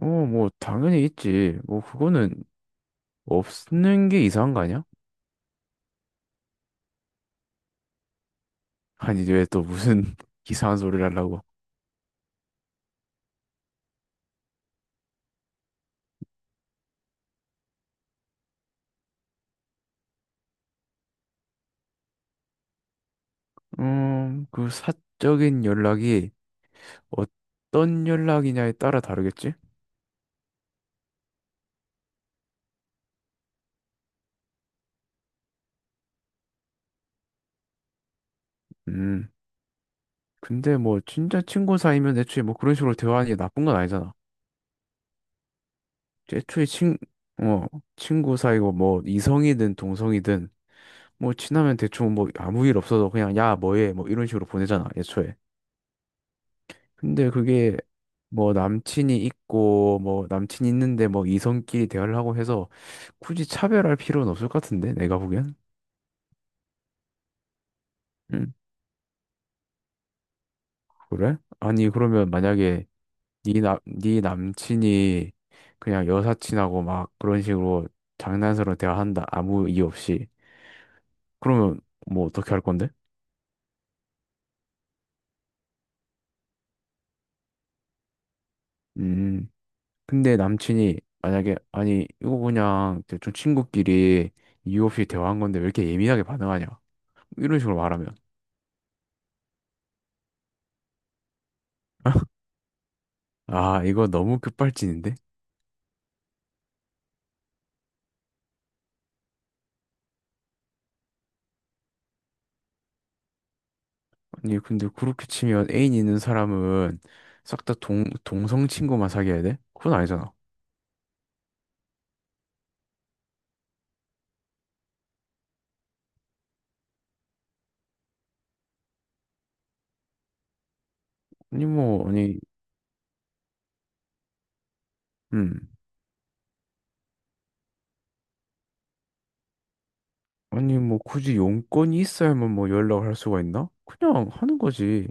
어, 뭐, 당연히 있지. 뭐, 그거는 없는 게 이상한 거 아니야? 아니, 왜 또 무슨 이상한 소리를 하려고. 그 사적인 연락이 어떤 연락이냐에 따라 다르겠지? 음, 근데 뭐, 진짜 친구 사이면 애초에 뭐 그런 식으로 대화하는 게 나쁜 건 아니잖아. 애초에 어, 친구 사이고 뭐, 이성이든 동성이든, 뭐, 친하면 대충 뭐, 아무 일 없어도 그냥, 야, 뭐해? 뭐, 이런 식으로 보내잖아, 애초에. 근데 그게 뭐 남친이 있고 뭐 남친 있는데 뭐 이성끼리 대화를 하고 해서 굳이 차별할 필요는 없을 것 같은데 내가 보기엔. 응, 그래? 아니 그러면 만약에 네남네 남친이 그냥 여사친하고 막 그런 식으로 장난스러운 대화한다 아무 이유 없이 그러면 뭐 어떻게 할 건데? 음 근데 남친이 만약에 아니 이거 그냥 대충 친구끼리 이유 없이 대화한 건데 왜 이렇게 예민하게 반응하냐 이런 식으로 말하면. 아, 이거 너무 급발진인데? 아니, 근데 그렇게 치면 애인 있는 사람은 싹 다 동성 친구만 사귀어야 돼? 그건 아니잖아. 아니, 뭐, 아니, 음. 아니, 뭐, 굳이 용건이 있어야만 뭐 연락을 할 수가 있나? 그냥 하는 거지.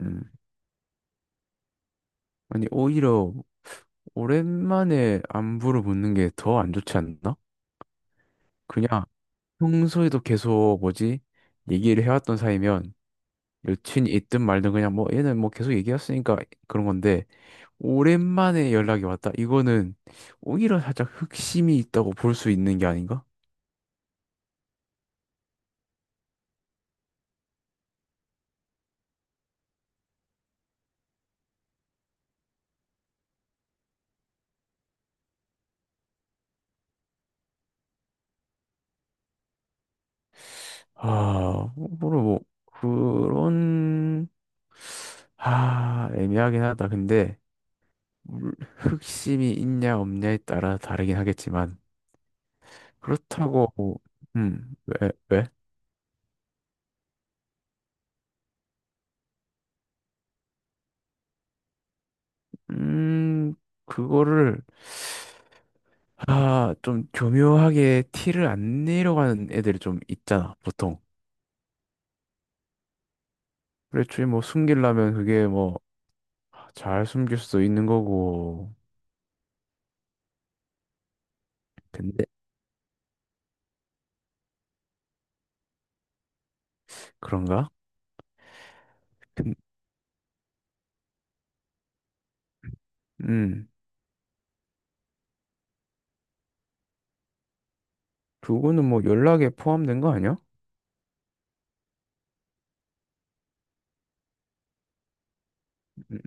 음. 아니, 오히려 오랜만에 안부를 묻는 게 더 안 좋지 않나? 그냥 평소에도 계속 뭐지? 얘기를 해왔던 사이면 여친이 있든 말든 그냥 뭐 얘는 뭐 계속 얘기했으니까 그런 건데 오랜만에 연락이 왔다. 이거는 오히려 살짝 흑심이 있다고 볼 수 있는 게 아닌가? 아, 뭐로 뭐 그런 아, 애매하긴 하다. 근데 흑심이 있냐 없냐에 따라 다르긴 하겠지만 그렇다고 뭐, 왜? 음, 그거를 아, 좀 교묘하게 티를 안 내려가는 애들이 좀 있잖아, 보통. 그래, 주뭐 숨기려면 그게 뭐 잘 숨길 수도 있는 거고. 근데 그런가? 근- 음. 그거는 뭐 연락에 포함된 거 아니야? 음,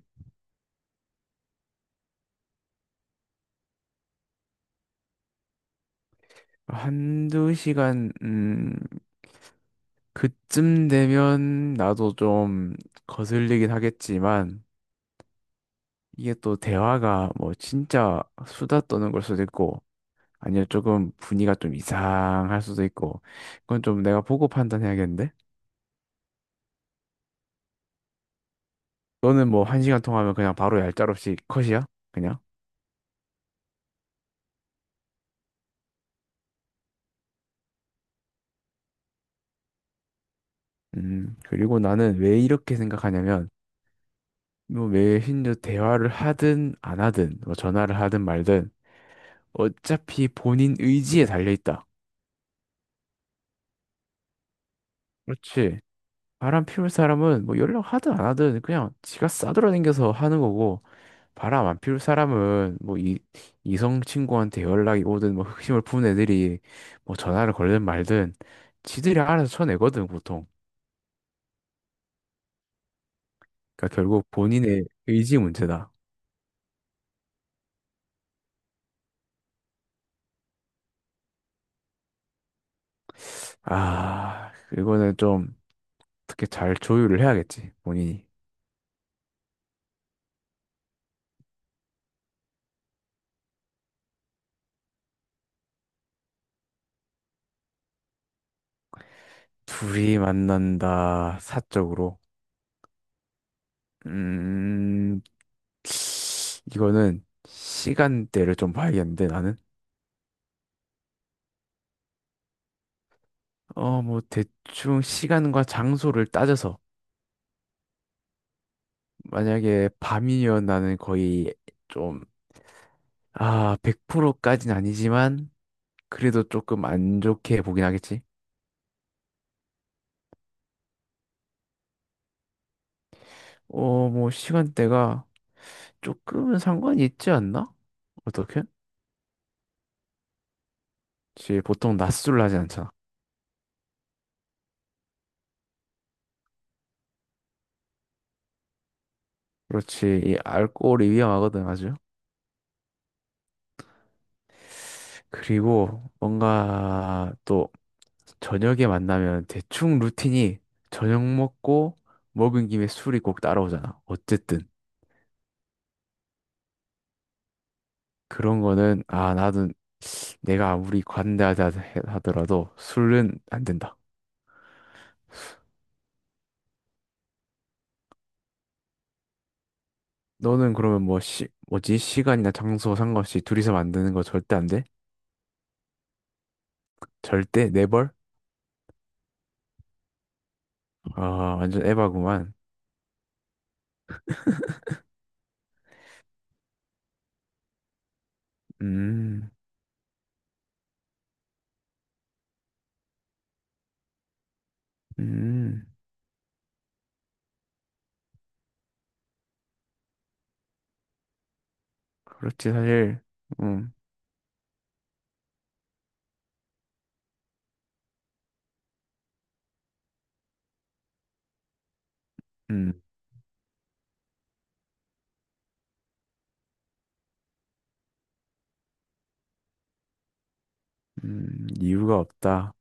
한두 시간 그쯤 되면 나도 좀 거슬리긴 하겠지만 이게 또 대화가 뭐 진짜 수다 떠는 걸 수도 있고 아니면 조금 분위기가 좀 이상할 수도 있고 그건 좀 내가 보고 판단해야겠는데? 너는 뭐 한 시간 통화하면 그냥 바로 얄짤없이 컷이야? 그냥? 그리고 나는 왜 이렇게 생각하냐면 뭐 메신저 대화를 하든 안 하든 뭐 전화를 하든 말든 어차피 본인 의지에 달려 있다. 그렇지. 바람 피울 사람은 뭐 연락하든 안 하든 그냥 지가 싸돌아다녀서 하는 거고 바람 안 피울 사람은 뭐 이 이성 친구한테 연락이 오든 뭐 흑심을 푼 애들이 뭐 전화를 걸든 말든 지들이 알아서 쳐내거든 보통. 그러니까 결국 본인의 의지 문제다. 아, 이거는 좀 어떻게 잘 조율을 해야겠지 본인이. 둘이 만난다, 사적으로. 음, 이거는 시간대를 좀 봐야겠는데, 나는? 어, 뭐, 대충 시간과 장소를 따져서, 만약에 밤이면 나는 거의 좀, 아, 100%까진 아니지만, 그래도 조금 안 좋게 보긴 하겠지. 어, 뭐, 시간대가 조금은 상관이 있지 않나? 어떻게? 그치, 보통 낮술을 하지 않잖아. 그렇지, 이 알코올이 위험하거든, 아주. 그리고 뭔가 또 저녁에 만나면 대충 루틴이 저녁 먹고 먹은 김에 술이 꼭 따라오잖아. 어쨌든 그런 거는 아 나도 내가 아무리 관대하다 하더라도 술은 안 된다. 너는 그러면 뭐 시, 뭐지? 시간이나 장소 상관없이 둘이서 만드는 거 절대 안 돼? 절대? 네벌? 아 완전 에바구만. 음. 음. 그렇지 사실. 음. 음. 음. 이유가 없다.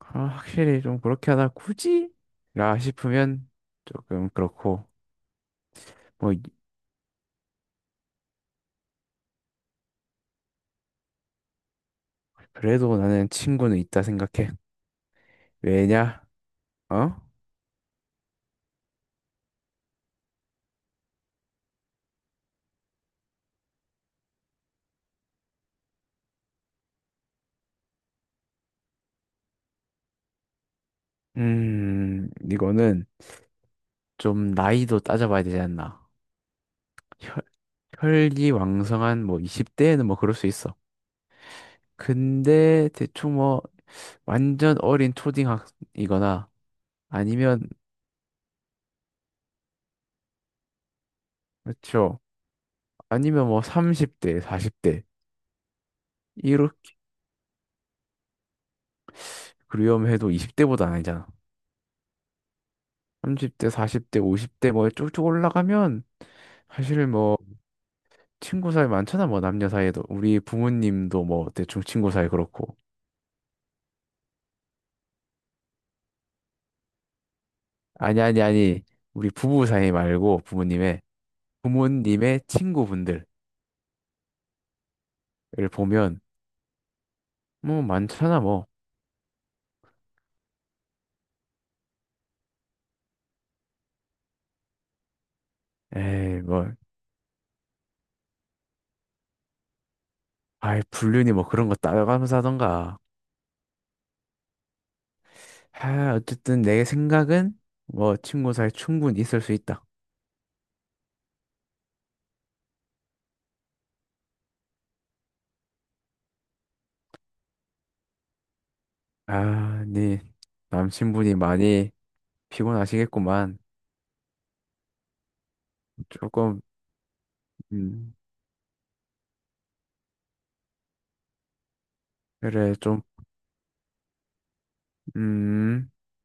아, 확실히 좀 그렇게 하다 굳이? 라 싶으면 조금 그렇고 뭐 그래도 나는 친구는 있다 생각해. 왜냐? 어? 이거는 좀 나이도 따져봐야 되지 않나. 혈, 혈기왕성한 뭐 20대에는 뭐 그럴 수 있어. 근데 대충 뭐 완전 어린 초딩학이거나 아니면 그렇죠. 아니면 뭐 30대, 40대 이렇게 그리움해도 20대보다 아니잖아. 30대, 40대, 50대 뭐 쭉쭉 올라가면 사실 뭐 친구 사이 많잖아. 뭐 남녀 사이에도 우리 부모님도 뭐 대충 친구 사이 그렇고. 아니 아니 아니. 우리 부부 사이 말고 부모님의 친구분들을 보면 뭐 많잖아 뭐. 에이 뭐 아이 불륜이 뭐 그런 거 따라가면서 하던가. 아 어쨌든 내 생각은 뭐 친구 사이 충분히 있을 수 있다. 아, 네 남친분이 많이 피곤하시겠구만. 조금. 음, 그래, 좀. 음.